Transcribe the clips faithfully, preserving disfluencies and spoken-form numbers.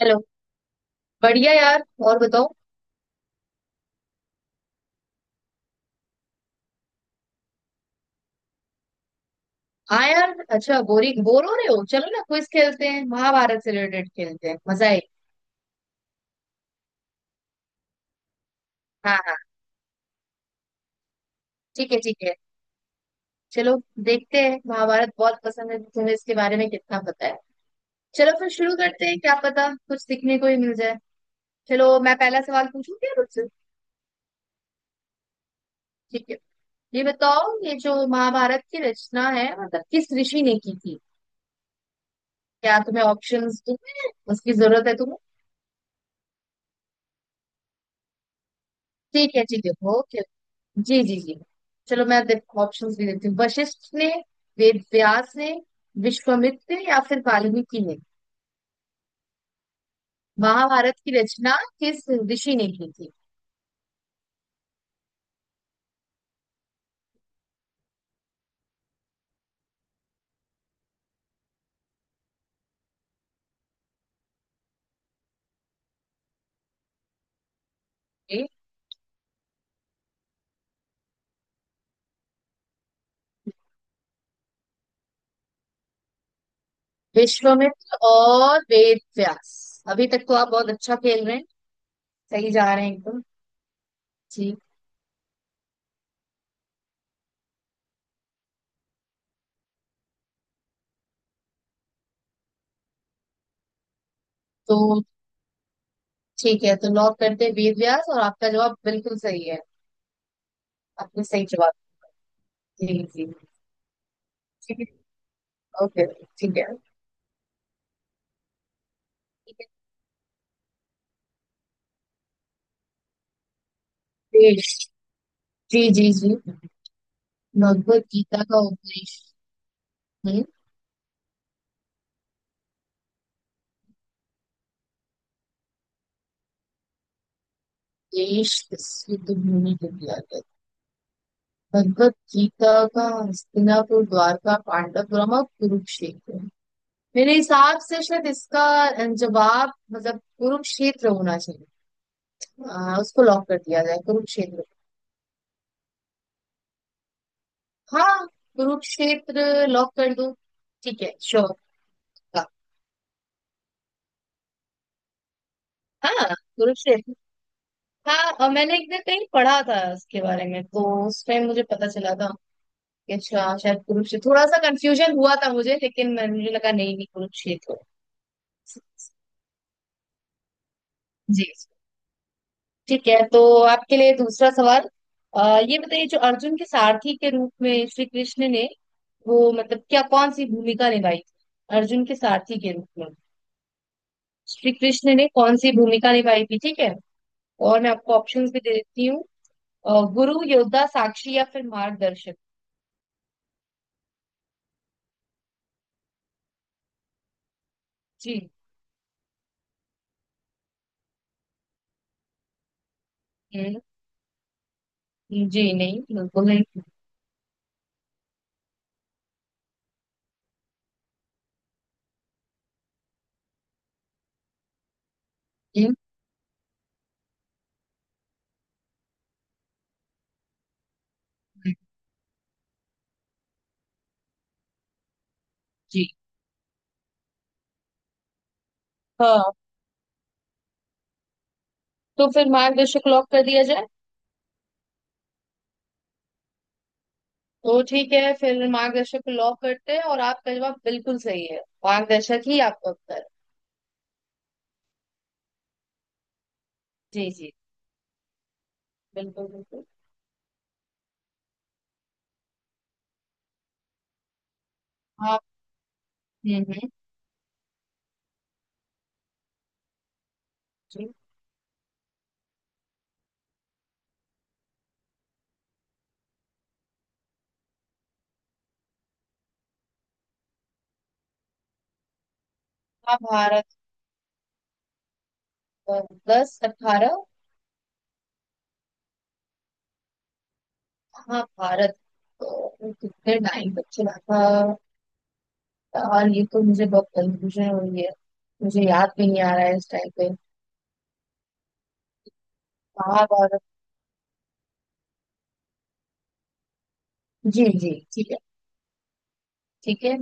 Hello. बढ़िया यार, और बताओ। हाँ यार, अच्छा बोरिंग बोर हो रहे हो, चलो ना क्विज खेलते हैं, महाभारत से रिलेटेड खेलते हैं, मजा आए। हाँ, हाँ। ठीक है, ठीक है। चलो। देखते हैं, महाभारत बहुत पसंद है तुम्हें, इसके बारे में कितना पता है। चलो फिर शुरू करते हैं, क्या पता कुछ सीखने को ही मिल जाए। चलो, मैं पहला सवाल पूछूं क्या मुझसे? ठीक है। ये बताओ, ये जो महाभारत की रचना है मतलब किस ऋषि ने की थी। क्या तुम्हें ऑप्शंस दूं मैं? उसकी जरूरत है तुम्हें? ठीक है, ठीक है। ओके। जी जी जी। चलो, मैं ऑप्शंस भी देती हूँ। वशिष्ठ ने, वेद व्यास ने, विश्वामित्र ने, या फिर वाल्मीकि ने। महाभारत की रचना किस ऋषि ने की थी। ए, विश्वामित्र और वेद व्यास, अभी तक तो आप बहुत अच्छा खेल रहे हैं। सही जा रहे हैं एकदम। जी। तो ठीक है, तो लॉक करते हैं वेद व्यास, और आपका जवाब बिल्कुल सही है। आपने सही जवाब। जी, जी। ठीक है। ओके। ठीक है, ठीक है, देश। जी जी जी। भगवत गीता का उपदेश। हम्म देश सिद्ध भूमि को दिया गया। भगवत गीता का हस्तिनापुर, द्वारका, पांडवपुरम और कुरुक्षेत्र। मेरे हिसाब से शायद इसका जवाब मतलब कुरुक्षेत्र होना चाहिए। आ, उसको लॉक कर दिया जाए कुरुक्षेत्र। हाँ, कुरुक्षेत्र लॉक कर दो। ठीक है, श्योर। हाँ। हाँ, कुरुक्षेत्र। हाँ, और मैंने एक दिन कहीं पढ़ा था उसके बारे में, तो उस टाइम मुझे पता चला था कि अच्छा, शायद कुरुक्षेत्र। थोड़ा सा कंफ्यूजन हुआ था मुझे, लेकिन मैं मुझे लगा नहीं नहीं कुरुक्षेत्र। जी। ठीक है, तो आपके लिए दूसरा सवाल। आ, ये बताइए, जो अर्जुन के सारथी के रूप में श्री कृष्ण ने, वो मतलब क्या, कौन सी भूमिका निभाई थी। अर्जुन के सारथी के रूप में श्री कृष्ण ने कौन सी भूमिका निभाई थी? ठीक है। और मैं आपको ऑप्शंस भी दे देती हूँ। अ, गुरु, योद्धा, साक्षी, या फिर मार्गदर्शक। जी। हम्म, जी नहीं, बिल्कुल नहीं। हम्म, जी हाँ। तो फिर मार्गदर्शक लॉक कर दिया जाए। तो ठीक है, फिर मार्गदर्शक को लॉक करते हैं, और आपका जवाब बिल्कुल सही है। मार्गदर्शक ही आपका उत्तर है। जी जी। बिल्कुल बिल्कुल। आप। हम्म हम्म, जी। हाँ भारत। अ, दस, अठारह। हाँ भारत, तो कितने टाइम तक चला था? और ये तो मुझे बहुत कंफ्यूजन हो रही है, मुझे याद भी नहीं आ रहा है इस टाइम पे। कहाँ भारत। जी जी, ठीक है, ठीक है।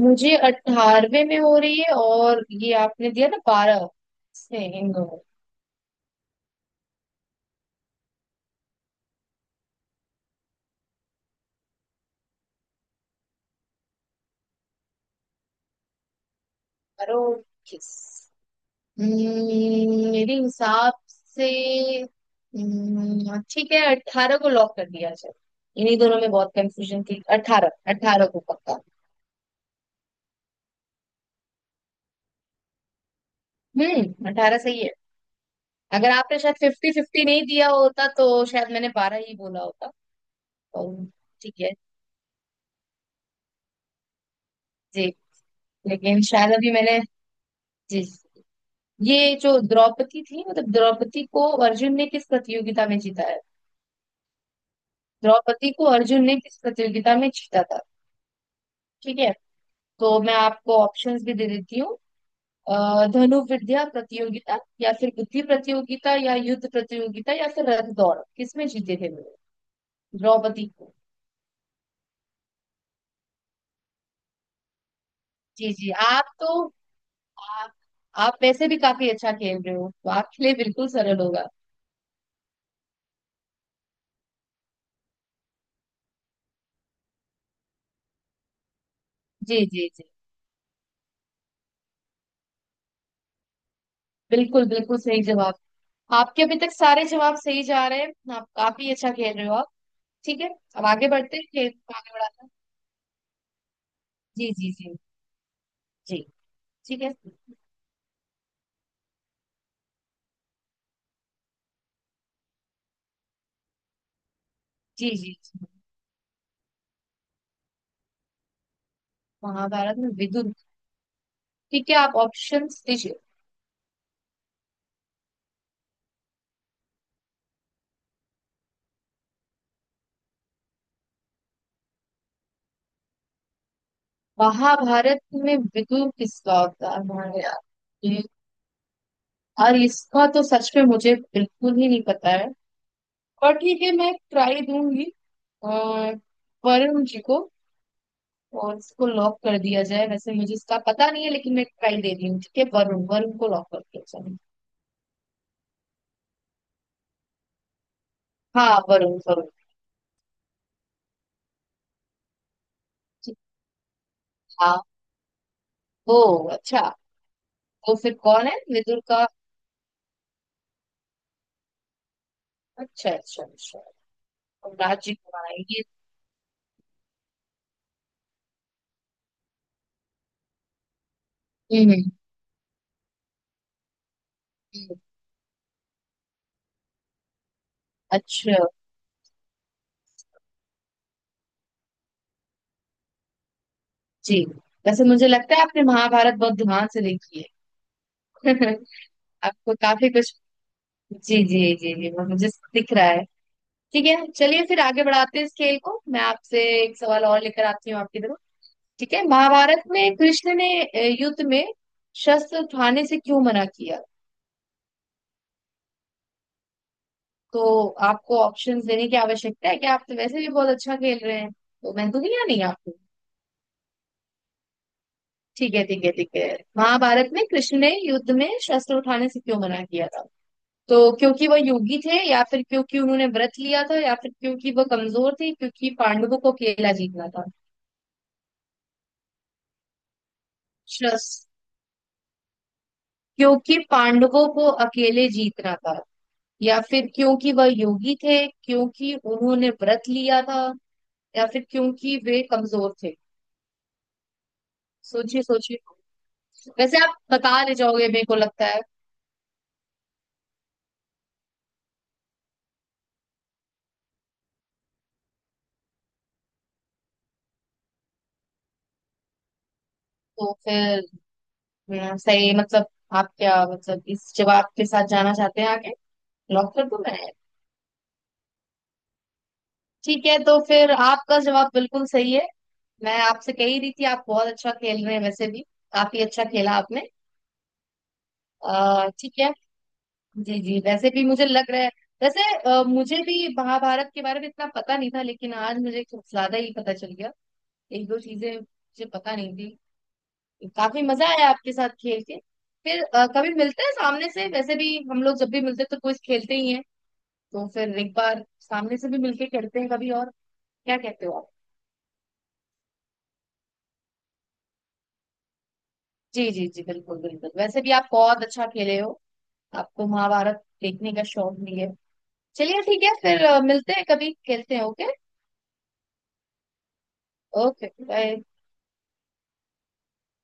मुझे अठारहवें में हो रही है, और ये आपने दिया ना बारह, से इन दोनों। अरे, किस। हम्म, मेरे हिसाब से। हम्म, ठीक है, अट्ठारह को लॉक कर दिया जाए। इन्हीं दोनों में बहुत कंफ्यूजन थी। अट्ठारह, अट्ठारह को पक्का। हम्म, अट्ठारह सही है। अगर आपने शायद फिफ्टी फिफ्टी नहीं दिया होता तो शायद मैंने बारह ही बोला होता। तो ठीक है। जी। लेकिन शायद अभी मैंने। जी जी। ये जो द्रौपदी थी, मतलब द्रौपदी को अर्जुन ने किस प्रतियोगिता में जीता है? द्रौपदी को अर्जुन ने किस प्रतियोगिता में जीता था? ठीक है। तो मैं आपको ऑप्शंस भी दे देती हूँ। अ, धनुर्विद्या प्रतियोगिता, या फिर बुद्धि प्रतियोगिता, या युद्ध प्रतियोगिता, या फिर रथ दौड़? किसमें जीते थे वो? द्रौपदी। जी जी। आप तो आप, आप वैसे भी काफी अच्छा खेल रहे हो, तो आपके लिए बिल्कुल सरल होगा। जी जी जी। बिल्कुल बिल्कुल सही जवाब। आपके अभी तक सारे जवाब सही जा रहे हैं, आप काफी अच्छा खेल रहे हो, आप। ठीक है। अब आगे बढ़ते हैं, खेल को आगे बढ़ाते हैं। जी जी जी जी। ठीक है। जी जी जी। महाभारत में विदुर। ठीक है, आप ऑप्शंस दीजिए। महाभारत में विदुर किसका अवतार है यार? ये- और इसका तो सच में मुझे बिल्कुल ही नहीं पता है, पर ठीक है, मैं ट्राई दूंगी। अह, वरुण जी को। और इसको लॉक कर दिया जाए, वैसे मुझे इसका पता नहीं है, लेकिन मैं ट्राई दे रही हूँ। ठीक है, वरुण, वरुण को लॉक कर दिया जाए। हाँ, वरुण, वरुण। ठीक। हाँ। ओ, अच्छा। तो फिर कौन है विदुर का? अच्छा, अच्छा, अच्छा। और राज जी को बनाएंगे। हम्म हम्म, हम्म। अच्छा। जी, वैसे मुझे लगता है आपने महाभारत बहुत ध्यान से देखी है। आपको काफी कुछ। जी जी जी जी, वो मुझे दिख रहा है। ठीक है, चलिए फिर आगे बढ़ाते हैं इस खेल को। मैं आपसे एक सवाल और लेकर आती हूँ आपकी तरफ। ठीक है, महाभारत में कृष्ण ने अ, युद्ध में शस्त्र उठाने से क्यों मना किया। तो आपको ऑप्शंस देने की आवश्यकता है कि आप तो वैसे भी बहुत अच्छा खेल रहे हैं, तो मैं दूंगी या नहीं आपको? ठीक है, ठीक है, ठीक है। महाभारत में कृष्ण ने युद्ध में शस्त्र उठाने से क्यों मना किया था? तो क्योंकि वह योगी थे, या फिर क्योंकि उन्होंने व्रत लिया था, या फिर क्योंकि वह कमजोर थे, क्योंकि पांडवों को अकेला जीतना था। श्रस क्योंकि पांडवों को अकेले जीतना था, या फिर क्योंकि वह योगी थे, क्योंकि उन्होंने व्रत लिया था, या फिर क्योंकि वे कमजोर थे। सोचिए, सोचिए। वैसे आप बता ले जाओगे मेरे को लगता है। तो फिर। हम्म, सही मतलब, आप क्या मतलब इस जवाब के साथ जाना चाहते हैं आगे? लॉक कर दूं मैं? ठीक है, तो फिर आपका जवाब बिल्कुल सही है। मैं आपसे कह ही रही थी, आप बहुत अच्छा खेल रहे हैं वैसे भी। काफी अच्छा खेला आपने। अ, ठीक है। जी जी, वैसे भी मुझे लग रहा है, वैसे अ, मुझे भी महाभारत के बारे में इतना पता नहीं था, लेकिन आज मुझे कुछ ज्यादा ही पता चल गया। एक दो चीजें मुझे पता नहीं थी। काफी मजा आया आपके साथ खेल के। फिर अ, कभी मिलते हैं सामने से, वैसे भी हम लोग जब भी मिलते हैं तो कुछ खेलते ही हैं, तो फिर एक बार सामने से भी मिलके खेलते हैं कभी और। क्या कहते हो आप? जी जी जी, बिल्कुल बिल्कुल, वैसे भी आप बहुत अच्छा खेले हो, आपको महाभारत देखने का शौक भी है। चलिए ठीक है, फिर अ, मिलते हैं कभी, खेलते हैं। ओके। Okay bye.